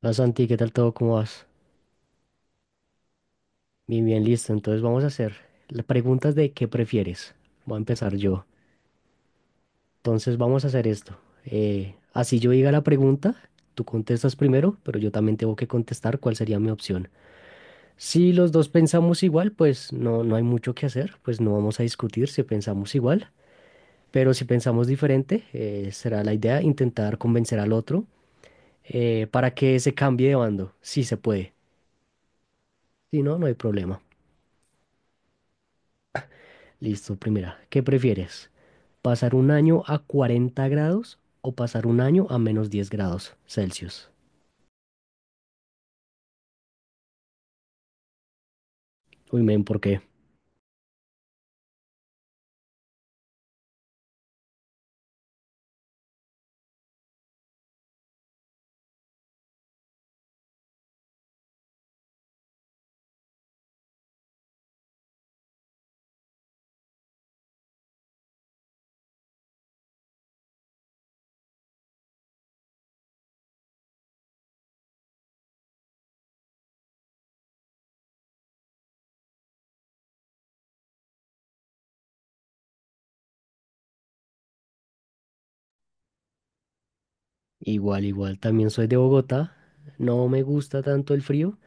Hola Santi, ¿qué tal todo? ¿Cómo vas? Bien, bien, listo. Entonces vamos a hacer las preguntas de qué prefieres. Voy a empezar yo. Entonces vamos a hacer esto. Así yo diga la pregunta, tú contestas primero, pero yo también tengo que contestar cuál sería mi opción. Si los dos pensamos igual, pues no hay mucho que hacer, pues no vamos a discutir si pensamos igual. Pero si pensamos diferente, será la idea intentar convencer al otro para que se cambie de bando, si se puede. Si no, no hay problema. Listo, primera. ¿Qué prefieres? ¿Pasar un año a 40 grados o pasar un año a menos 10 grados Celsius? Uy, men, ¿por qué? Igual, igual, también soy de Bogotá. No me gusta tanto el frío,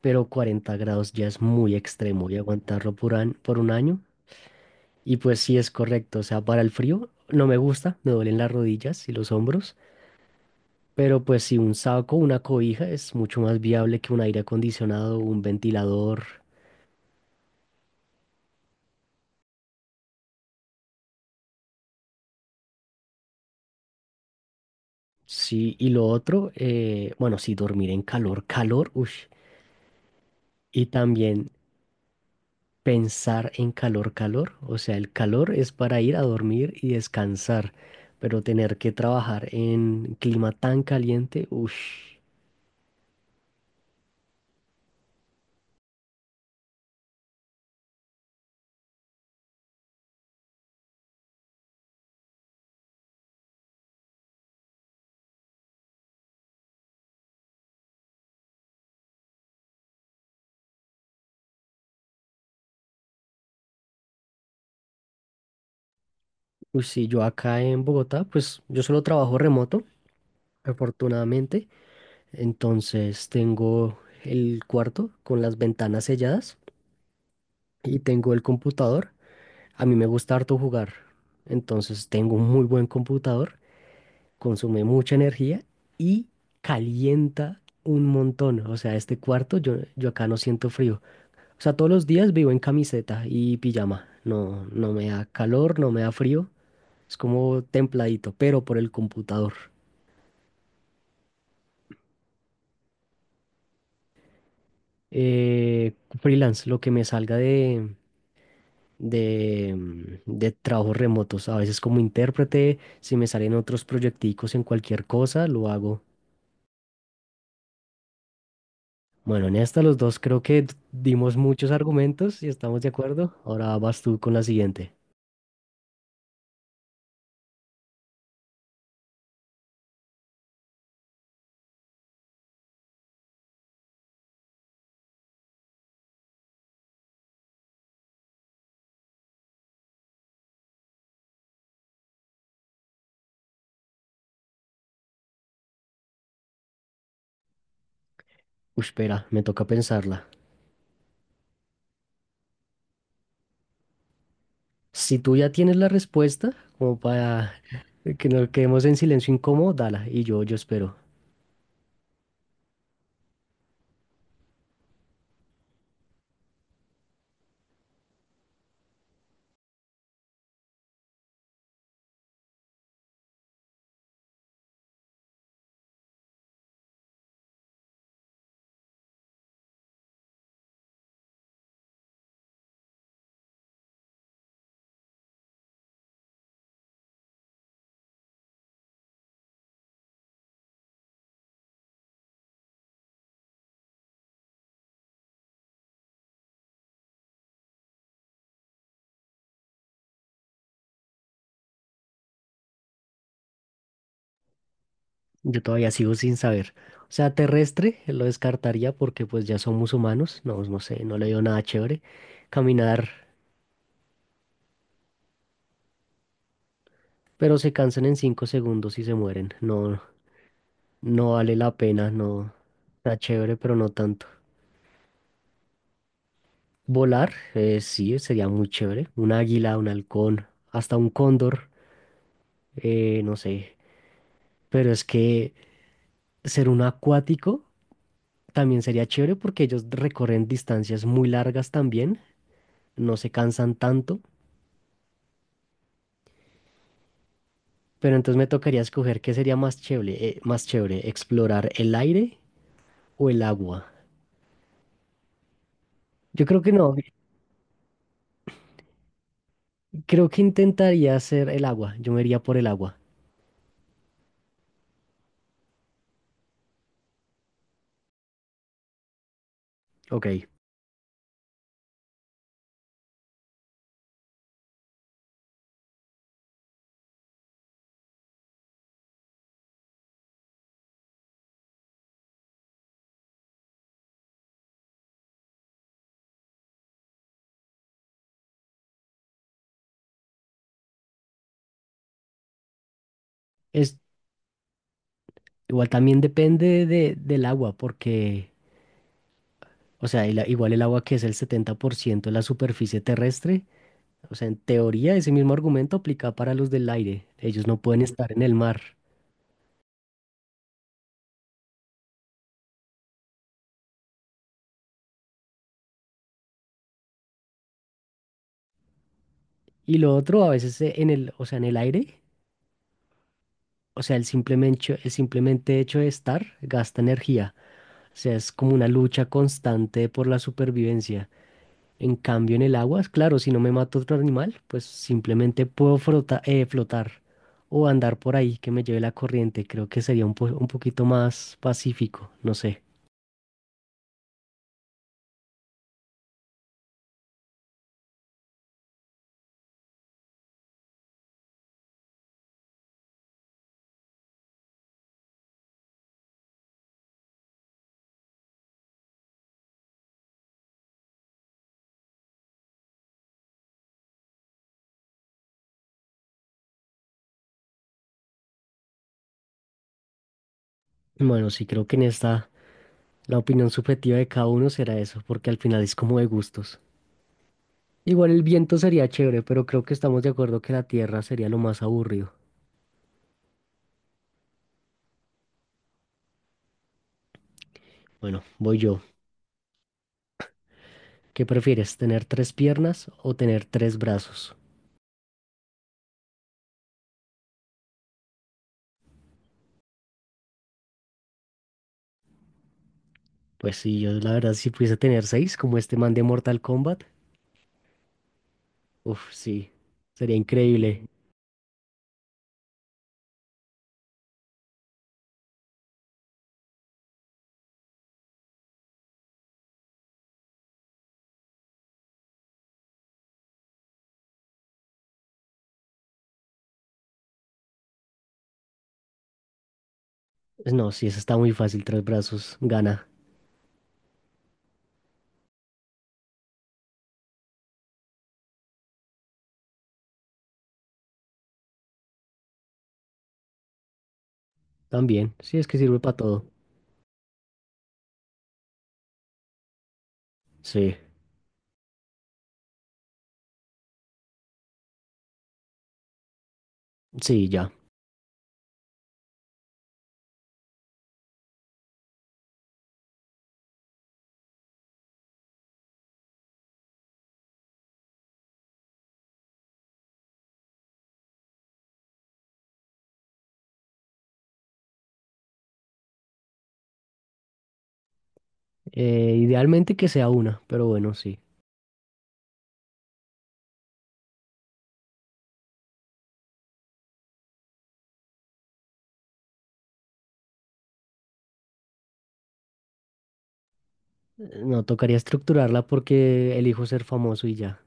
pero 40 grados ya es muy extremo y aguantarlo por, por un año. Y pues sí es correcto, o sea, para el frío no me gusta, me duelen las rodillas y los hombros, pero pues sí un saco, una cobija es mucho más viable que un aire acondicionado, un ventilador. Sí, y lo otro, bueno, sí, dormir en calor, calor, ush, y también pensar en calor, calor, o sea, el calor es para ir a dormir y descansar, pero tener que trabajar en clima tan caliente, ush, ush, sí, yo acá en Bogotá, pues yo solo trabajo remoto, afortunadamente, entonces tengo el cuarto con las ventanas selladas y tengo el computador, a mí me gusta harto jugar, entonces tengo un muy buen computador. Consume mucha energía y calienta un montón. O sea, este cuarto yo acá no siento frío. O sea, todos los días vivo en camiseta y pijama. No, no me da calor, no me da frío. Es como templadito, pero por el computador. Eh, Freelance, lo que me salga de trabajos remotos. A veces como intérprete, si me salen otros proyecticos en cualquier cosa, lo hago. Bueno, en esta los dos creo que dimos muchos argumentos y estamos de acuerdo. Ahora vas tú con la siguiente. Uy, espera, me toca pensarla. Si tú ya tienes la respuesta, como para que nos quedemos en silencio incómodo, dala. Y yo espero. Yo todavía sigo sin saber. O sea, terrestre lo descartaría porque pues ya somos humanos. No, no sé, no le dio nada chévere. Caminar, pero se cansan en 5 segundos y se mueren. No, no vale la pena, no. Está chévere, pero no tanto. Volar, sí, sería muy chévere. Un águila, un halcón, hasta un cóndor, no sé. Pero es que ser un acuático también sería chévere porque ellos recorren distancias muy largas también, no se cansan tanto. Pero entonces me tocaría escoger qué sería más chévere, explorar el aire o el agua. Yo creo que no, creo que intentaría hacer el agua. Yo me iría por el agua. Ok. Es, igual también depende de, del agua porque... O sea, igual el agua que es el 70% de la superficie terrestre, o sea, en teoría ese mismo argumento aplica para los del aire. Ellos no pueden estar en el mar. Y lo otro, a veces o sea, en el aire, o sea, el simplemente hecho de estar gasta energía. O sea, es como una lucha constante por la supervivencia. En cambio, en el agua, es claro, si no me mato otro animal, pues simplemente puedo flotar o andar por ahí que me lleve la corriente. Creo que sería un poquito más pacífico, no sé. Bueno, sí, creo que en esta la opinión subjetiva de cada uno será eso, porque al final es como de gustos. Igual el viento sería chévere, pero creo que estamos de acuerdo que la tierra sería lo más aburrido. Bueno, voy yo. ¿Qué prefieres, tener tres piernas o tener tres brazos? Pues sí, yo la verdad si pudiese tener seis, como este man de Mortal Kombat, uf, sí, sería increíble. Pues no, sí, eso está muy fácil, tres brazos, gana. También, sí, es que sirve para todo. Sí, sí, ya. Idealmente que sea una, pero bueno, sí. No, tocaría estructurarla porque elijo ser famoso y ya.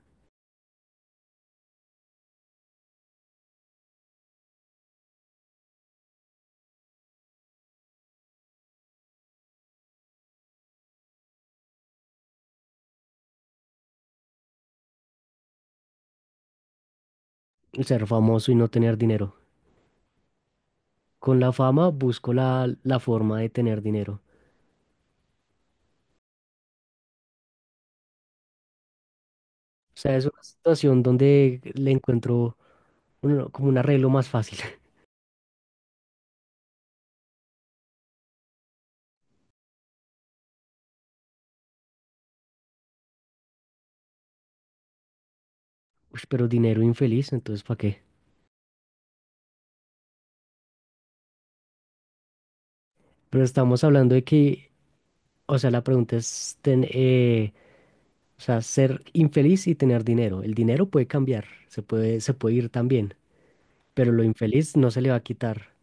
Ser famoso y no tener dinero. Con la fama busco la forma de tener dinero. O sea, es una situación donde le encuentro como un arreglo más fácil. Uy, pero dinero infeliz, entonces ¿para qué? Pero estamos hablando de que, o sea, la pregunta es, o sea, ser infeliz y tener dinero. El dinero puede cambiar, se puede ir también, pero lo infeliz no se le va a quitar.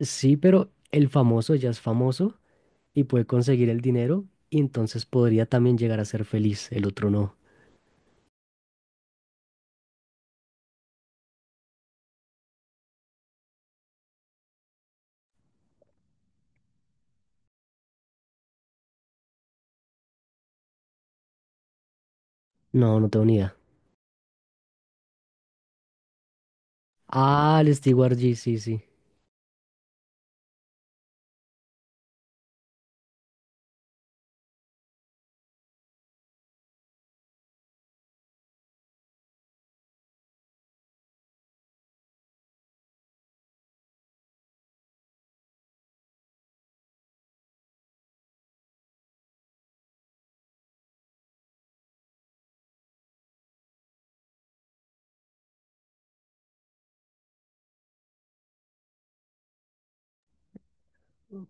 Sí, pero el famoso ya es famoso y puede conseguir el dinero y entonces podría también llegar a ser feliz. El otro no. No, no tengo ni idea. Ah, el Steward G, sí, sí.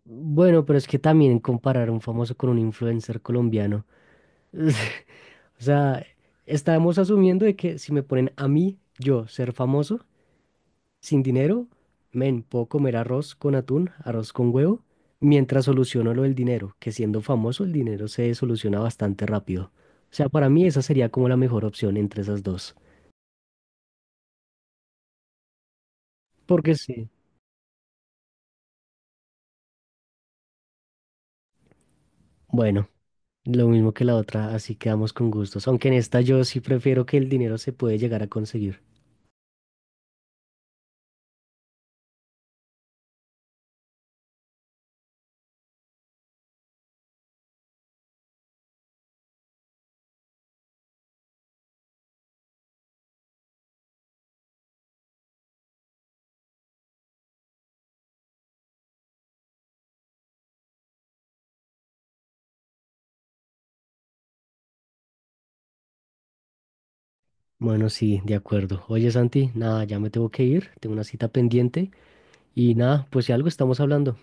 Bueno, pero es que también comparar a un famoso con un influencer colombiano. O sea, estamos asumiendo de que si me ponen a mí, yo, ser famoso, sin dinero, men, puedo comer arroz con atún, arroz con huevo, mientras soluciono lo del dinero, que siendo famoso el dinero se soluciona bastante rápido. O sea, para mí esa sería como la mejor opción entre esas dos. Porque sí. Bueno, lo mismo que la otra, así quedamos con gustos. Aunque en esta yo sí prefiero que el dinero se puede llegar a conseguir. Bueno, sí, de acuerdo. Oye, Santi, nada, ya me tengo que ir, tengo una cita pendiente y nada, pues si algo estamos hablando.